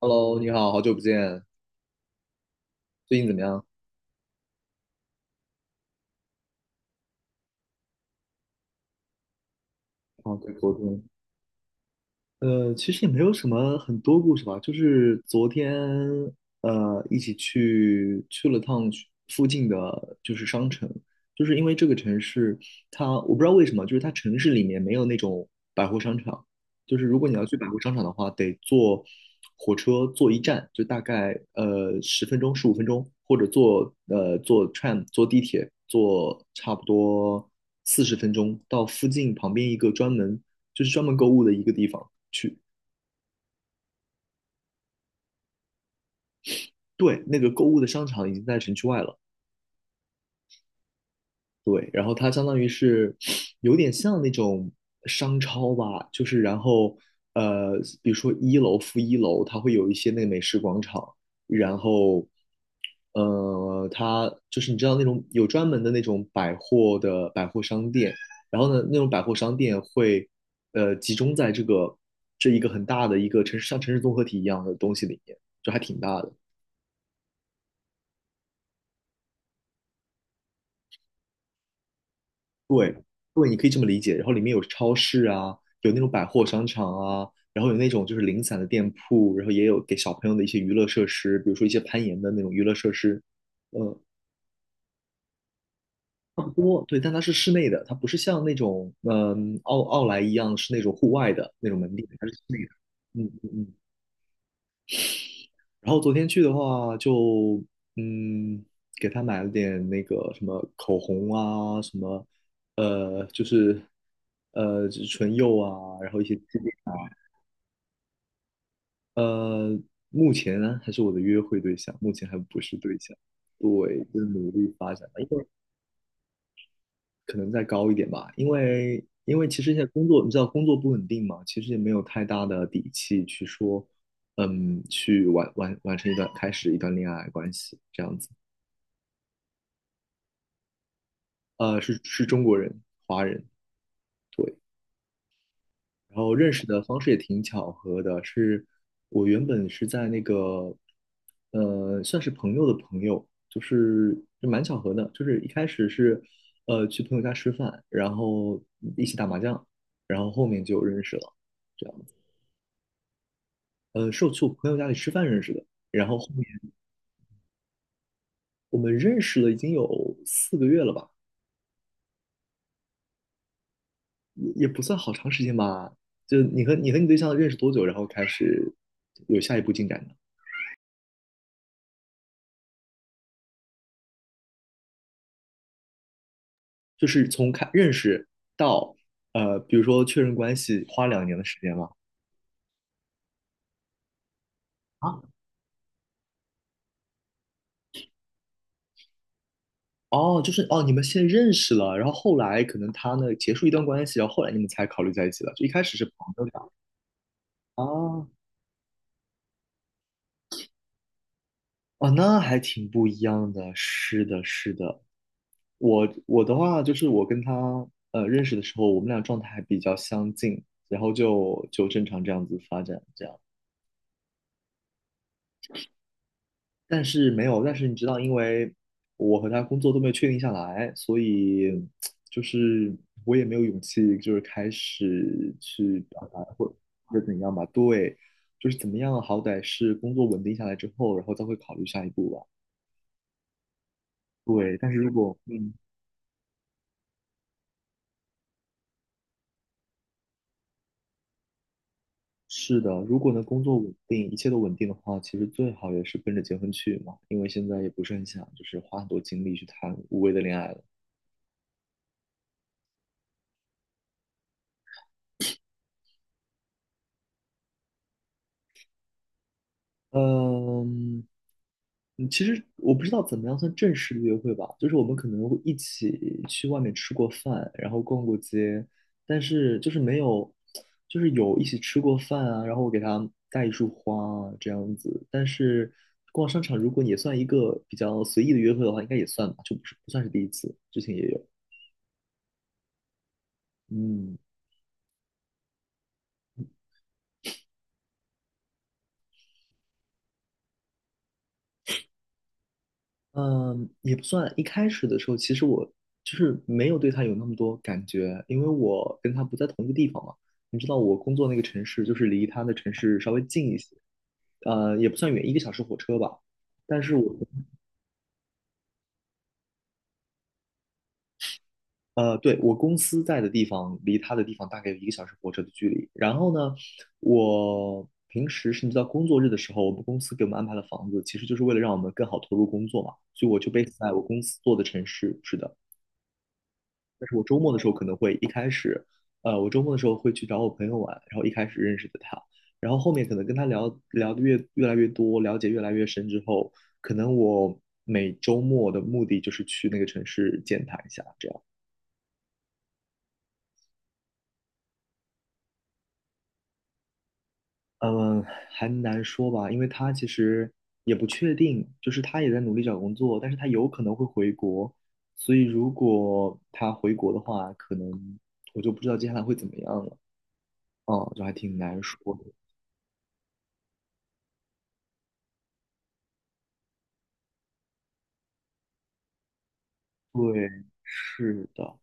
Hello，你好，好久不见。最近怎么样？啊，对，昨天。其实也没有什么很多故事吧，就是昨天一起去了趟去附近的就是商城。就是因为这个城市它我不知道为什么，就是它城市里面没有那种百货商场。就是如果你要去百货商场的话，得坐火车坐一站，就大概十分钟15分钟，或者坐 tram 坐地铁坐差不多40分钟到附近旁边一个专门购物的一个地方。对，那个购物的商场已经在城区外了。对，然后它相当于是有点像那种商超吧。就是然后呃，比如说一楼、负一楼，它会有一些那个美食广场。然后它就是你知道那种有专门的那种百货商店。然后呢，那种百货商店会集中在这一个很大的一个城市，像城市综合体一样的东西里面，就还挺大的。对，你可以这么理解。然后里面有超市啊，有那种百货商场啊，然后有那种就是零散的店铺，然后也有给小朋友的一些娱乐设施，比如说一些攀岩的那种娱乐设施，呃，差不多。对，但它是室内的，它不是像那种奥莱一样是那种户外的那种门店，它是室内的。嗯嗯嗯。然后昨天去的话就，嗯，给他买了点那个什么口红啊，什么就是就是唇釉啊，然后一些气垫。呃，目前呢还是我的约会对象，目前还不是对象。对，就是努力发展吧。因为可能再高一点吧，因为其实现在工作，你知道工作不稳定嘛，其实也没有太大的底气去说，去完完完成一段开始一段恋爱关系这样子。是中国人，华人，对。然后认识的方式也挺巧合的，是我原本是在那个，算是朋友的朋友。就是就蛮巧合的，就是一开始是，去朋友家吃饭，然后一起打麻将，然后后面就认识了，这样子。是我去我朋友家里吃饭认识的，然后后面我们认识了已经有4个月了吧。也不算好长时间吧。就你和你对象认识多久，然后开始有下一步进展？就是从认识到比如说确认关系，花2年的时间吗？啊，哦，就是哦，你们先认识了，然后后来可能他呢结束一段关系，然后后来你们才考虑在一起了。就一开始是朋友俩啊。哦，那还挺不一样的。是的，是的。我的话就是我跟他认识的时候，我们俩状态还比较相近，然后就正常这样子发展，这样。但是没有，但是你知道，因为我和他工作都没有确定下来，所以就是我也没有勇气，就是开始去表达或者怎样吧。对，就是怎么样，好歹是工作稳定下来之后，然后再会考虑下一步吧。对，但是如果是的。如果能工作稳定，一切都稳定的话，其实最好也是奔着结婚去嘛，因为现在也不是很想就是花很多精力去谈无谓的恋爱了。嗯，其实我不知道怎么样算正式的约会吧，就是我们可能会一起去外面吃过饭，然后逛过街，但是就是没有，就是有一起吃过饭啊，然后我给他带一束花啊，这样子。但是逛商场如果也算一个比较随意的约会的话，应该也算吧，就不是不算是第一次，之前也有。嗯。嗯，也不算。一开始的时候，其实我就是没有对他有那么多感觉，因为我跟他不在同一个地方嘛。你知道，我工作那个城市就是离他的城市稍微近一些，也不算远，一个小时火车吧。但是我，对，我公司在的地方离他的地方大概有一个小时火车的距离。然后呢，我平时甚至到工作日的时候，我们公司给我们安排了房子，其实就是为了让我们更好投入工作嘛。所以我就 base 在我公司做的城市，是的。但是我周末的时候可能会一开始，我周末的时候会去找我朋友玩，然后一开始认识的他，然后后面可能跟他聊聊的越来越多，了解越来越深之后，可能我每周末的目的就是去那个城市见他一下，这样。嗯，还难说吧，因为他其实也不确定，就是他也在努力找工作，但是他有可能会回国，所以如果他回国的话，可能我就不知道接下来会怎么样了，就还挺难说的。对，是的，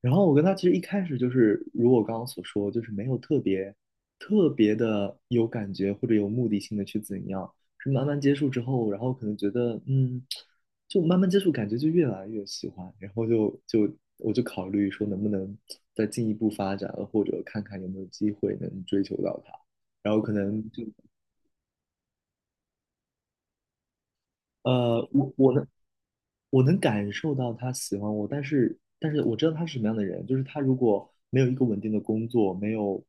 然后我跟他其实一开始就是，如我刚刚所说，就是没有特别特别的有感觉或者有目的性的去怎样，是慢慢接触之后，然后可能觉得就慢慢接触，感觉就越来越喜欢，然后我就考虑说能不能再进一步发展，或者看看有没有机会能追求到他，然后可能就我我能我能感受到他喜欢我，但是我知道他是什么样的人，就是他如果没有一个稳定的工作，没有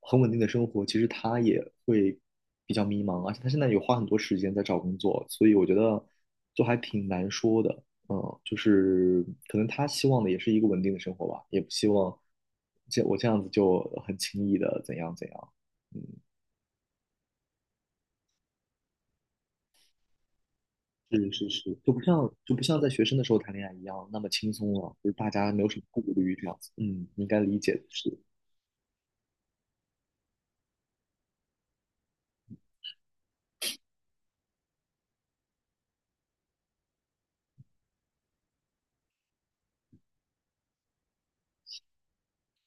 很稳定的生活，其实他也会比较迷茫，而且他现在也花很多时间在找工作，所以我觉得就还挺难说的，就是可能他希望的也是一个稳定的生活吧，也不希望这我这样子就很轻易的怎样怎样，嗯。是是是，就不像在学生的时候谈恋爱一样那么轻松了，就是大家没有什么顾虑这样子。嗯，应该理解的。是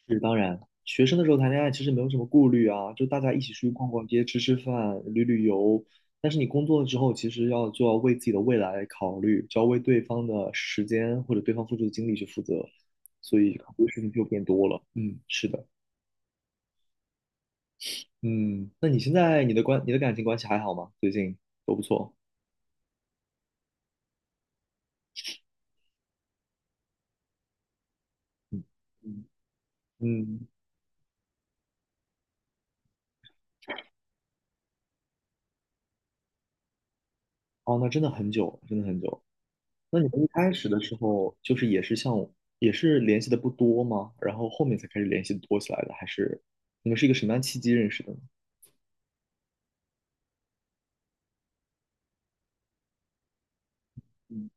是，当然，学生的时候谈恋爱其实没有什么顾虑啊，就大家一起出去逛逛街、吃吃饭、旅旅游。但是你工作了之后，其实就要为自己的未来考虑，就要为对方的时间或者对方付出的精力去负责，所以考虑的事情就变多了。嗯，是的。嗯，那你现在你的感情关系还好吗？最近都不错。嗯嗯。嗯，哦，那真的很久，真的很久。那你们一开始的时候，就是也是联系的不多吗？然后后面才开始联系多起来的，还是你们是一个什么样契机认识的呢？嗯，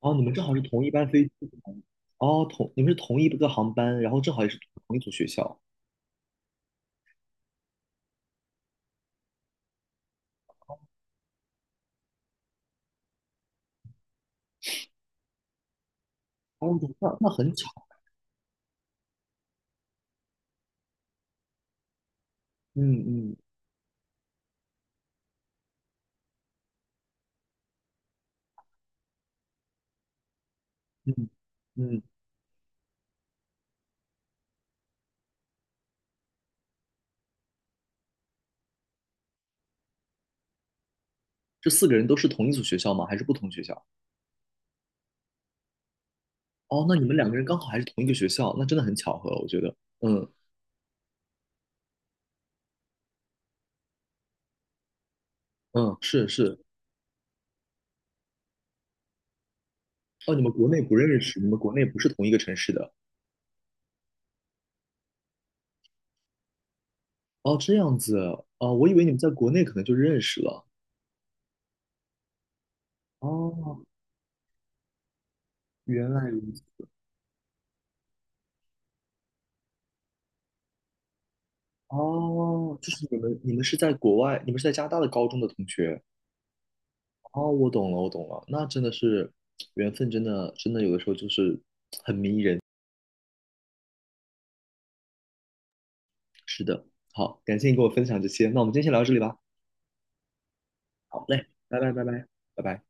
哦，你们正好是同一班飞机。哦，你们是同一个航班，然后正好也是同一所学校。哦，那很巧。嗯嗯嗯嗯。这四个人都是同一所学校吗？还是不同学校？哦，那你们两个人刚好还是同一个学校，那真的很巧合，我觉得。嗯嗯，是是，哦，你们国内不认识，你们国内不是同一个城市的。哦，这样子。哦，我以为你们在国内可能就认识了。哦，原来如此。哦，就是你们是在国外，你们是在加拿大的高中的同学。哦，我懂了，我懂了，那真的是缘分，真的，真的有的时候就是是的。好，感谢你跟我分享这些，那我们今天先聊到这里吧。好嘞，拜拜，拜拜，拜拜。